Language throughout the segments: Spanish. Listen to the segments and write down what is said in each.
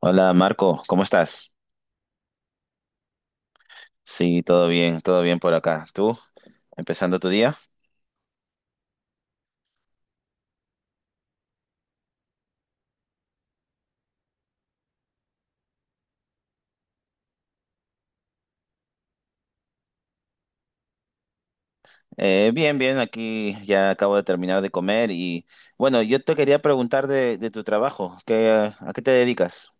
Hola Marco, ¿cómo estás? Sí, todo bien por acá. ¿Tú? ¿Empezando tu día? Bien, bien, aquí ya acabo de terminar de comer y bueno, yo te quería preguntar de tu trabajo, ¿qué, a qué te dedicas?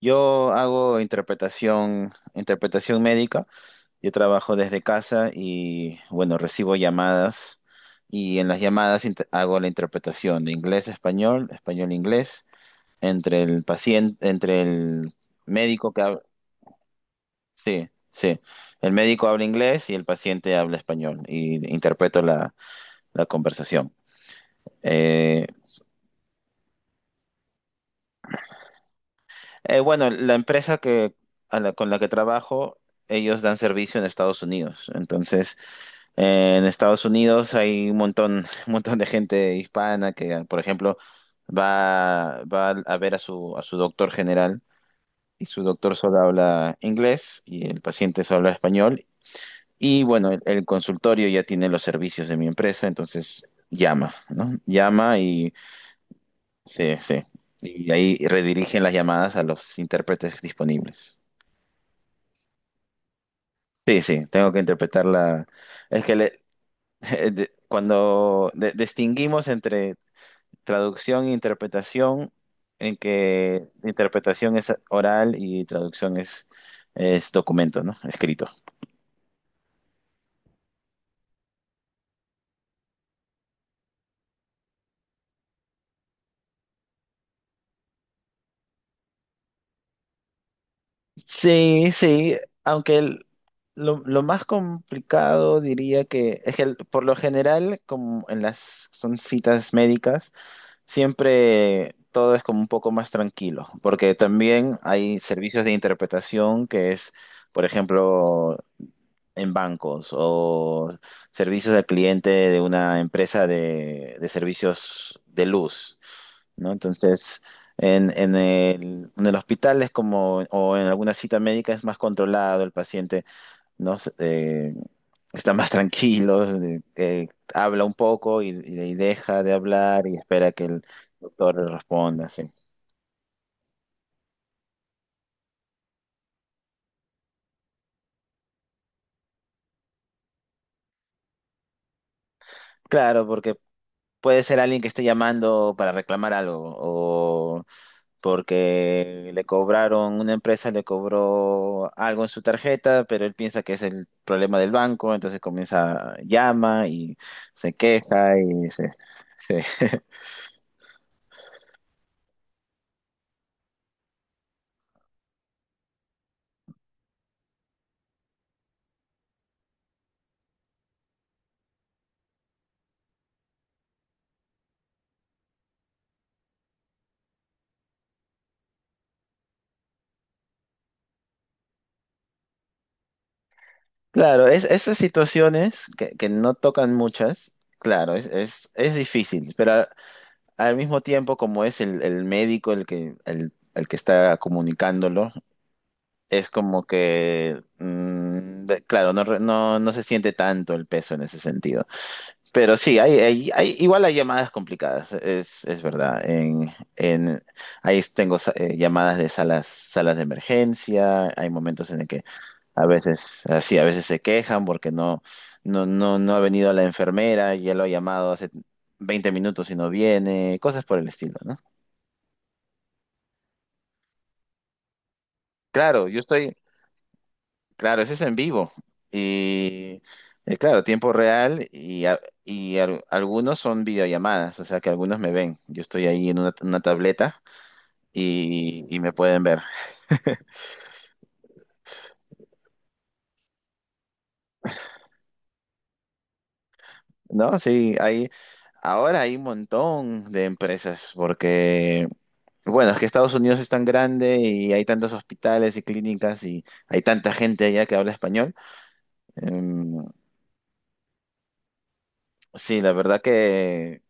Yo hago interpretación, interpretación médica, yo trabajo desde casa y bueno, recibo llamadas y en las llamadas hago la interpretación de inglés a español, español a inglés, entre el paciente, entre el médico que, hab- sí, sí. El médico habla inglés y el paciente habla español y interpreto la conversación. Eh, bueno, con la que trabajo, ellos dan servicio en Estados Unidos. Entonces, en Estados Unidos hay un montón, un montón de gente hispana que, por ejemplo, va a ver a a su doctor general y su doctor solo habla inglés y el paciente solo habla español. Y bueno, el consultorio ya tiene los servicios de mi empresa, entonces llama, ¿no? Llama y sí, sí. Y ahí redirigen las llamadas a los intérpretes disponibles. Sí, sí, tengo que interpretar la... Es que le- cuando distinguimos entre traducción e interpretación, en que interpretación es oral y traducción es documento, ¿no? Escrito. Sí, sí, aunque el- lo más complicado diría que es que por lo general, como en las son citas médicas, siempre todo es como un poco más tranquilo, porque también hay servicios de interpretación que es, por ejemplo, en bancos o servicios al cliente de una empresa de servicios de luz, ¿no? Entonces, en el hospital es como, o en alguna cita médica es más controlado el paciente, ¿no? Está más tranquilo, habla un poco y deja de hablar y espera que el doctor le responda, sí. Claro, porque puede ser alguien que esté llamando para reclamar algo porque le cobraron, una empresa le cobró algo en su tarjeta, pero él piensa que es el problema del banco, entonces comienza, llama y se queja y se... se- Claro, esas situaciones que no tocan muchas, claro, es difícil, pero al, al mismo tiempo como es el médico el que está comunicándolo, es como que, claro, no, no se siente tanto el peso en ese sentido. Pero sí, igual hay llamadas complicadas, es verdad. Ahí tengo llamadas de salas, salas de emergencia, hay momentos en el que a veces, así, a veces se quejan porque no ha venido la enfermera, ya lo ha llamado hace 20 minutos y no viene, cosas por el estilo, ¿no? Claro, yo estoy, claro, eso es en vivo y, claro, tiempo real algunos son videollamadas, o sea que algunos me ven, yo estoy ahí en una tableta. Y, y me pueden ver. No, sí, hay, ahora hay un montón de empresas porque, bueno, es que Estados Unidos es tan grande y hay tantos hospitales y clínicas y hay tanta gente allá que habla español. Em, sí, la verdad que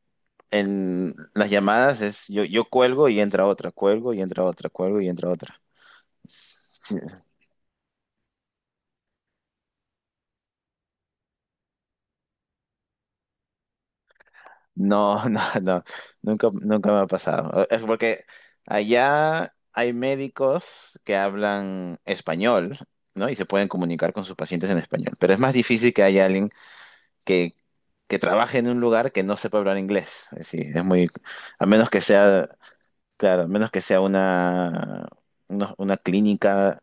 en las llamadas es yo, yo cuelgo y entra otra, cuelgo y entra otra, cuelgo y entra otra. Sí, no, nunca, nunca me ha pasado. Es porque allá hay médicos que hablan español, ¿no? Y se pueden comunicar con sus pacientes en español. Pero es más difícil que haya alguien que, que trabaje en un lugar que no sepa hablar inglés. Es decir, es muy, a menos que sea, claro, a menos que sea una clínica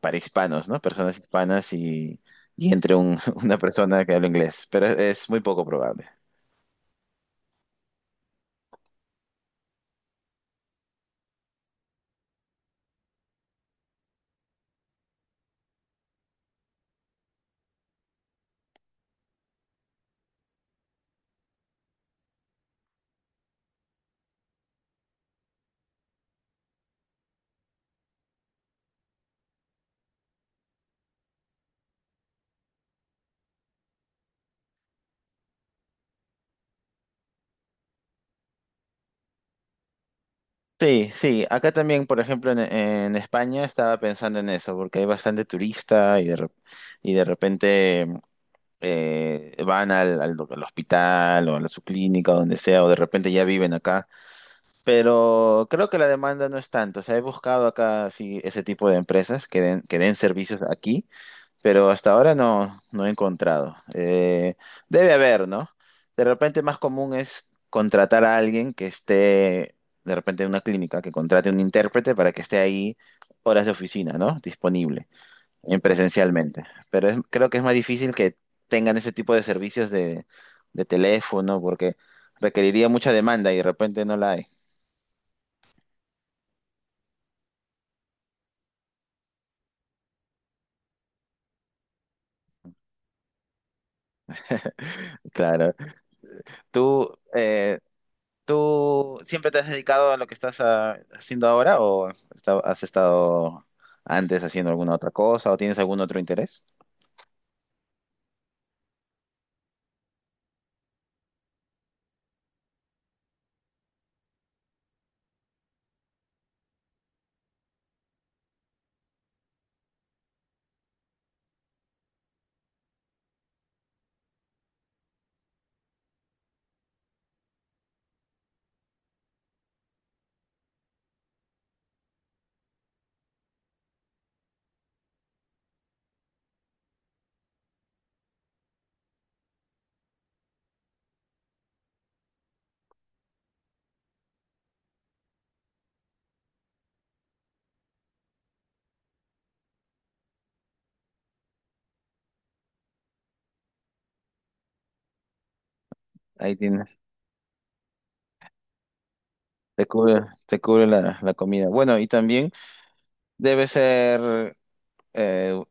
para hispanos, ¿no? Personas hispanas y una persona que habla inglés. Pero es muy poco probable. Sí, sí, acá también, por ejemplo, en España estaba pensando en eso, porque hay bastante turista y y de repente van al hospital o a su clínica, o donde sea, o de repente ya viven acá. Pero creo que la demanda no es tanto. O sea, he buscado acá sí, ese tipo de empresas que den servicios aquí pero hasta ahora no he encontrado. Debe haber, ¿no? De repente más común es contratar a alguien que esté, de repente en una clínica, que contrate un intérprete para que esté ahí horas de oficina, ¿no? Disponible en presencialmente. Creo que es más difícil que tengan ese tipo de servicios de teléfono porque requeriría mucha demanda y de repente no la hay. Claro. Tú, ¿tú siempre te has dedicado a lo que estás haciendo ahora o has estado antes haciendo alguna otra cosa o tienes algún otro interés? Ahí tienes, te cubre, te cubre la comida. Bueno, y también debe ser, eh,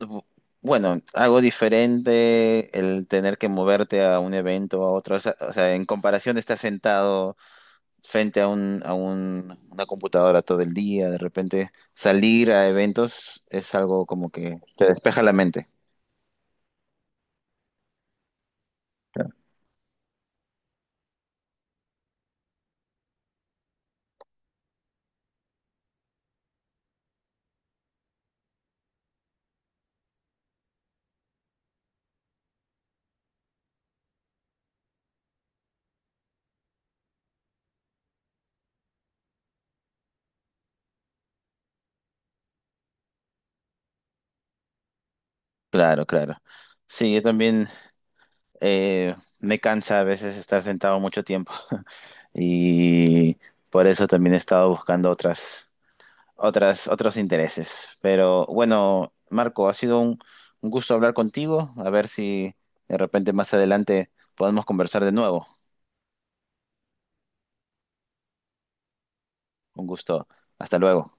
bu- bueno, algo diferente el tener que moverte a un evento, a otro. O sea, en comparación de estar sentado frente a una computadora todo el día, de repente salir a eventos es algo como que te despeja la mente. Claro, claro. Sí, yo también eh, me cansa a veces estar sentado mucho tiempo y por eso también he estado buscando otras. Otras, otros intereses. Pero bueno, Marco, ha sido un gusto hablar contigo. A ver si de repente más adelante podemos conversar de nuevo. Un gusto. Hasta luego.